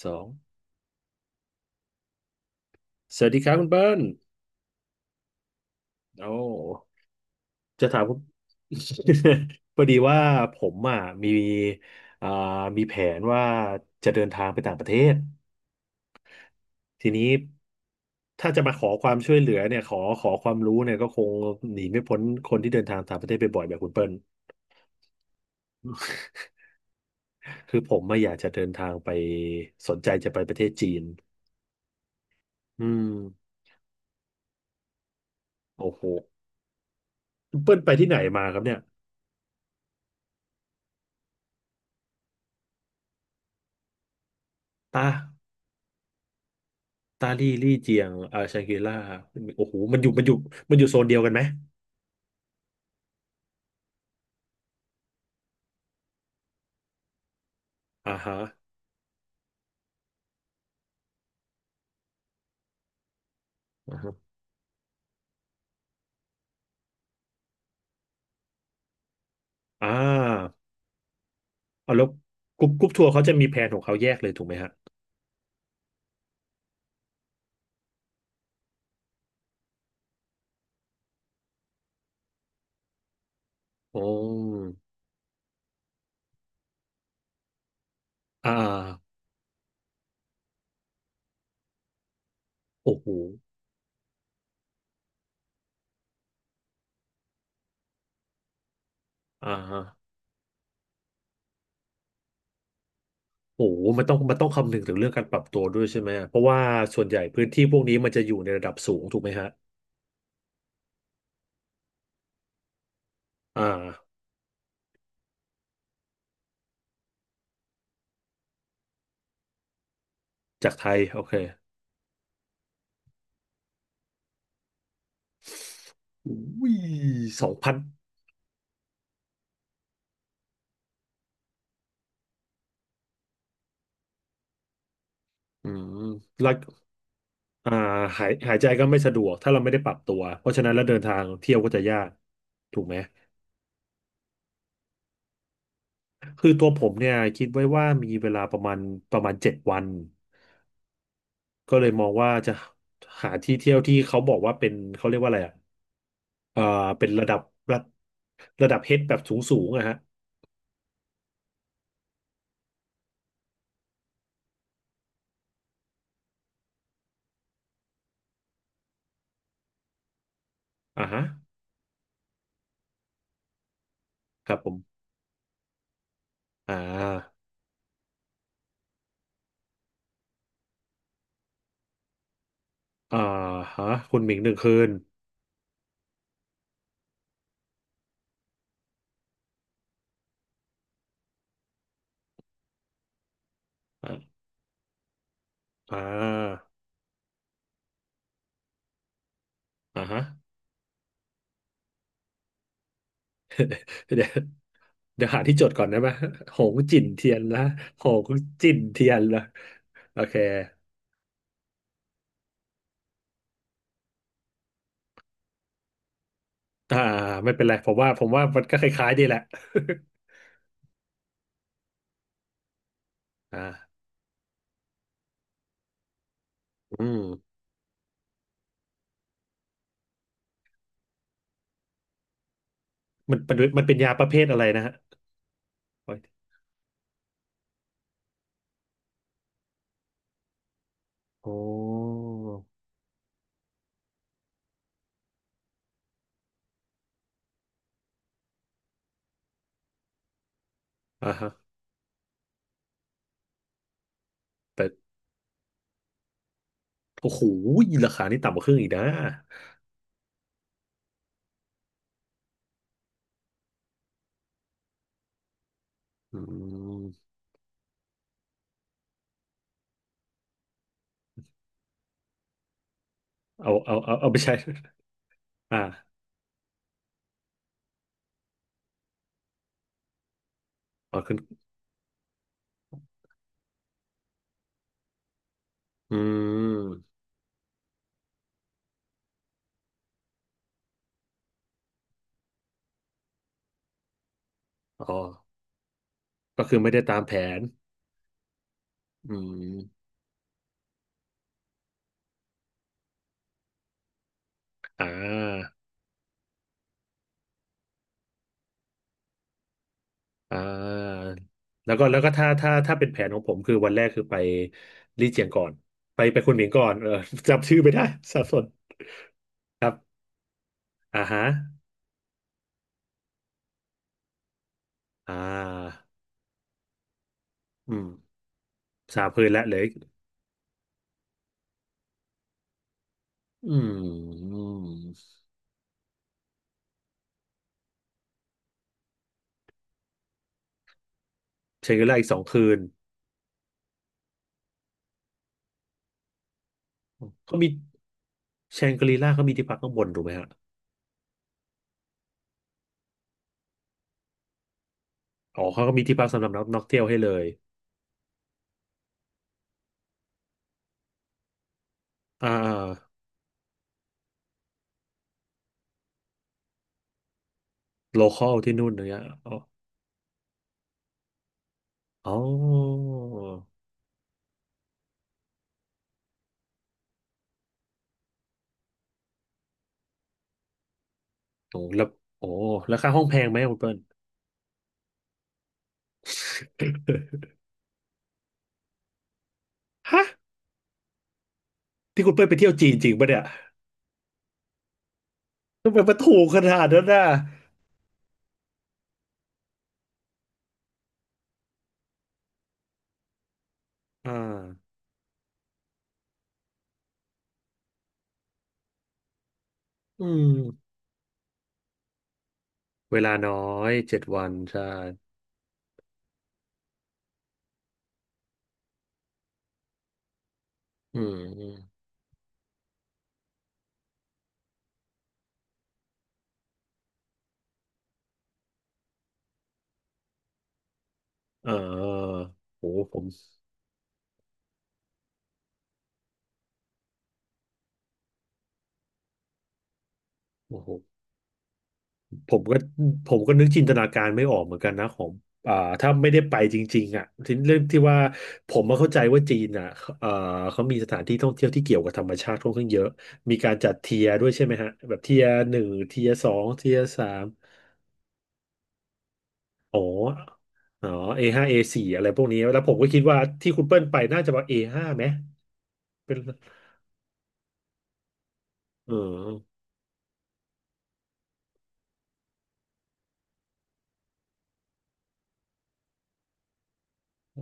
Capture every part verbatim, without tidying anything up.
สองสวัสดีครับคุณเปิ้ลโอ้จะถามคุณ พอดีว่าผมอ่ะมีอ่ามีแผนว่าจะเดินทางไปต่างประเทศ ทีนี้ถ้าจะมาขอความช่วยเหลือเนี่ยขอขอความรู้เนี่ยก็คงหนีไม่พ้นคนที่เดินทางต่างประเทศปบ่อยๆแบบคุณเปิ้ลคือผมมาอยากจะเดินทางไปสนใจจะไปประเทศจีนอืมโอ้โหคุณเปิ้ลไปที่ไหนมาครับเนี่ยตา ตาลี่ลี่เจียงอ่าชังกรีล่าโอ้โหมันอยู่มันอยู่มันอยู่โซนเดียวกันไหมอ่าฮะอ่าฮะอ่าเอาแล้วกรุ๊ปกรุ๊ปทัวร์เขาจะมีแผนของเขาแยกเลยถูกไหมฮะอ๋ออ่าโอ้โหอ่าฮะโอ้โหมันต้องมันต้องคำนึงถึงเรื่องการปรับตัวด้วยใช่ไหมเพราะว่าส่วนใหญ่พื้นที่พวกนี้มันจะอยู่ในระดับสูงถูกไหมฮะอ่าจากไทยโอเคอุ้ยสองพันอืมแล้ว อ่าหายหายใจก็ไม่สะดวกถ้าเราไม่ได้ปรับตัวเพราะฉะนั้นแล้วเดินทางเที่ยวก็จะยากถูกไหมคือตัวผมเนี่ยคิดไว้ว่ามีเวลาประมาณประมาณเจ็ดวันก็เลยมองว่าจะหาที่เที่ยวที่เขาบอกว่าเป็นเขาเรียกว่าอะไรอ่ะเอ่อเป็นระดับระระดับเฮดแบบสูงสูงอะฮะอ่าฮะครับผมอ่าอ่าฮะคุณหมิงหนึ่งคืนอ่าอ่าอ่าฮะ เดี๋ยวเดี๋ยวหาที่จดก่อนได้ไหมหงจิ่นเทียนนะหงจิ่นเทียนละโอเคอ่าไม่เป็นไรผมว่าผมว่ามันก็คล้ายๆดีแหละ อ่าอืมมันมันมันเป็นยาประเภทอะไรนะฮะโอ้ยโอ้อ่าฮะแต่โอ้โหราคานี่ต่ำกว่าครึ่งอีกนะอืมเอาเอาเอาเอาไปใช้ อ่าออกขึ้นอืมอ๋อก็คือไม่ได้ตามแผนอืมอ่า อ่าแล้วก็แล้วก็ถ้าถ้าถ้าเป็นแผนของผมคือวันแรกคือไปลี่เจียงก่อนไปไปคุนหมิงก่อนเออ จำชื่อไม่ได้ สับสนครับอ่าฮะอ่าอืมสามคืนละเหลยอืมแชงกรีล่าอีกสองคืนเขามีแชงกรีล่าเขามีที่พักข้างบนถูกไหมฮะอ๋อเขาก็มีที่พักสำหรับนักนักเที่ยวให้เลยอ่าโลคอลที่นู่นเนี่ยอ๋ออ๋อโอ้แล้วโอ้แล้วค่าห้องแพงไหมคุณเปิ้ล ฮะ ที่คุณเป้ยไปเที่ยวจีนจริงปะเนี่ยทำไมมันถูกขนาดนั้นน่ะอ่าอืมเวลาน้อยเจ็ดวันใช่อืมอืมเออโหผมโอ้โหผมก็ผมก็นึกจินตนาการไม่ออกเหมือนกันนะของอ่าถ้าไม่ได้ไปจริงๆอ่ะทีเรื่องที่ว่าผมมาเข้าใจว่าจีนอ่ะเอ่อเขามีสถานที่ท่องเที่ยวที่เกี่ยวกับธรรมชาติค่อนข้างเยอะมีการจัดเทียร์ด้วยใช่ไหมฮะแบบเทียร์หนึ่งเทียร์สองเทียร์สาม อ๋อ อ๋อ เอ ห้า เอ สี่ อสี่อะไรพวกนี้ แล้วผมก็คิดว่าที่คุณเปิ้ลไปน่าจะมา เอ ห้า ไหมเป็นเออ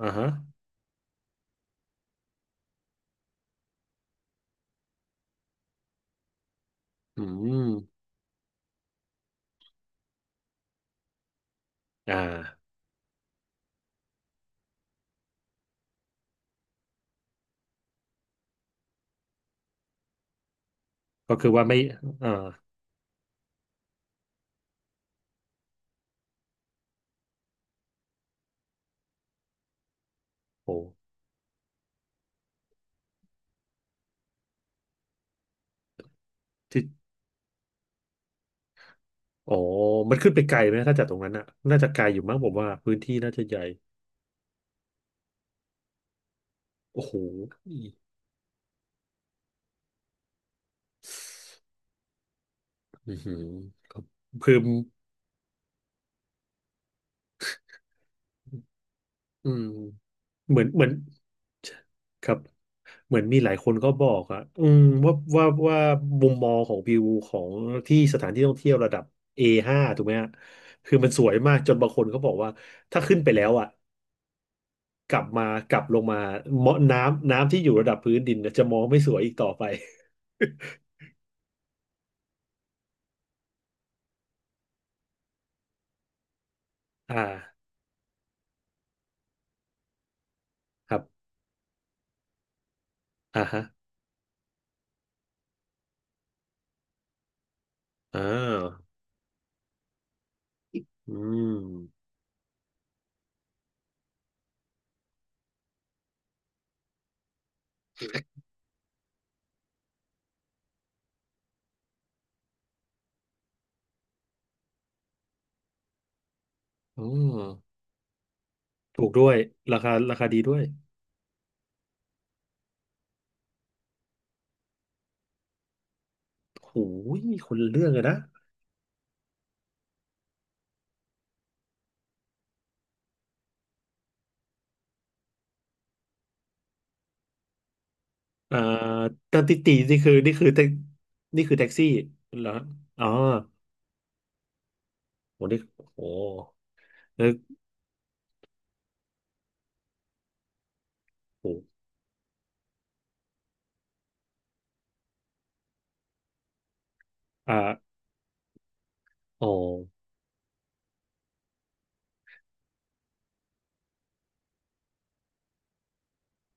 อ่าฮะอืมอ่าก็คือว่าไม่อ่าโอ้ที่อ๋อ มันขึ้นไปไกลไหม ถ้าจากตรงนั้นน่ะ น่าจะไกลอยู่มั้งผมว่าพื้นที่น่าจะใหญ่ โอ้โหอือหือครับคือ อืมเหมือนเหมือนครับเหมือนมีหลายคนก็บอกอ่ะอืมว่าว่าว่ามุมมองของวิวของที่สถานที่ท่องเที่ยวระดับ เอ ห้า ถูกไหมฮะคือมันสวยมากจนบางคนเขาบอกว่าถ้าขึ้นไปแล้วอ่ะกลับมากลับลงมาเมาะน้ำน้ำที่อยู่ระดับพื้นดินน่ะจะมองไม่สวยอีกต่อไป อ่าครับอ่าฮะอ่าอืมอืมถูกด้วยราคาราคาดีด้วยโอ้ยมีคนละเรื่องเลยนะ อ่าตอนติตีนี่คือนี่คือแท็กนี่คือแท็กซี่เหรออ๋อโหนี่โหแล้วโหอ่าอ๋อ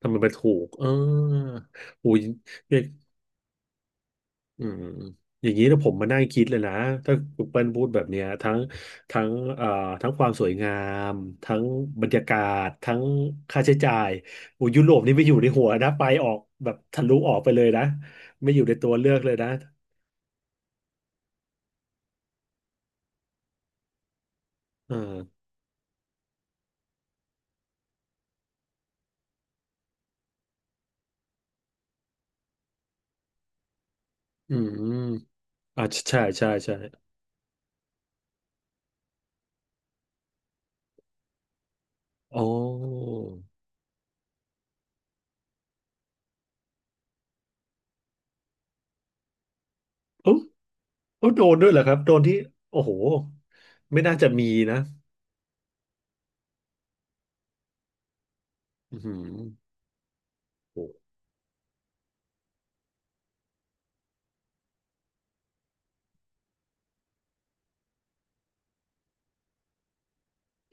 ทำไมมันถูกเออโหยเนี่ยอืมอย่างนี้นะผมมานั่งคิดเลยนะถ้าคุณเปิ้ลพูดแบบเนี้ยทั้งทั้งเอ่อทั้งความสวยงามทั้งบรรยากาศทั้งค่าใช้จ่ายโอ้ยุโรปนี่ไม่อยู่ในหัวนะไปออกแบบทะลุออกไปเลยนะไม่อยู่ในตัวเลือกเลยนะเอออืม อ่าใช่ใช่ใช่อ๋อเอ้าเอ้าโดนด้วยเหรอครับโดนที่โอ้โหไม่น่าจะมีนะอืมโอ้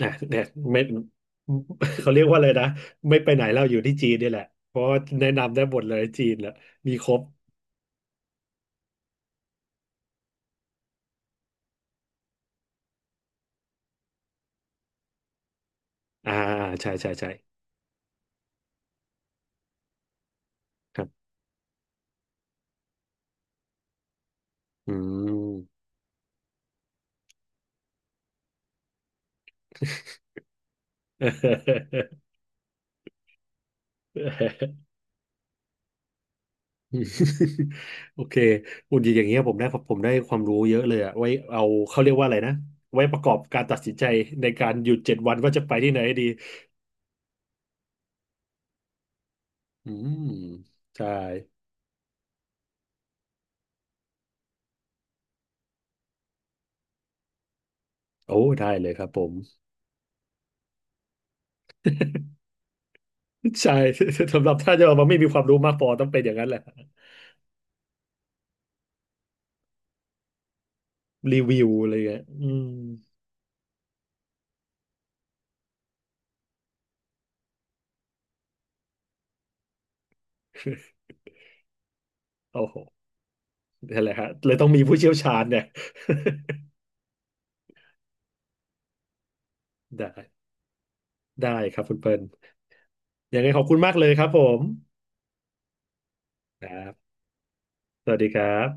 นะเนี่ยไม่ เขาเรียกว่าอะไรนะไม่ไปไหนเราอยู่ที่จีนนี่แหละเพราะว่าแนะนำได้หมดเลยจีนแหละมีครบอ่าใช่ใช่ใช่ครับอืม อืม โอเคอุ่นอย่างเงี้ยผมได้ผมได้ความรู้เยอะเลยอะไว้เอาเขาเรียกว่าอะไรนะไว้ประกอบการตัดสินใจในการหยุดเจ็ดวันว่าจะไปที่ไหนดีอืมใช่โอ้ได้เลยครับผม ใช่ สำหรับถ้าจะมาไม่มีความรู้มากพอต้องเป็นอย่างนั้นแหละรีวิวอะไรเงี้ยอืมโอ้โหนั่นแหละฮะเลยต้องมีผู้เชี่ยวชาญเนี่ย ได้ได้ครับคุณเปิ้ลยังไงขอบคุณมากเลยครับผมครับสวัสดีครับ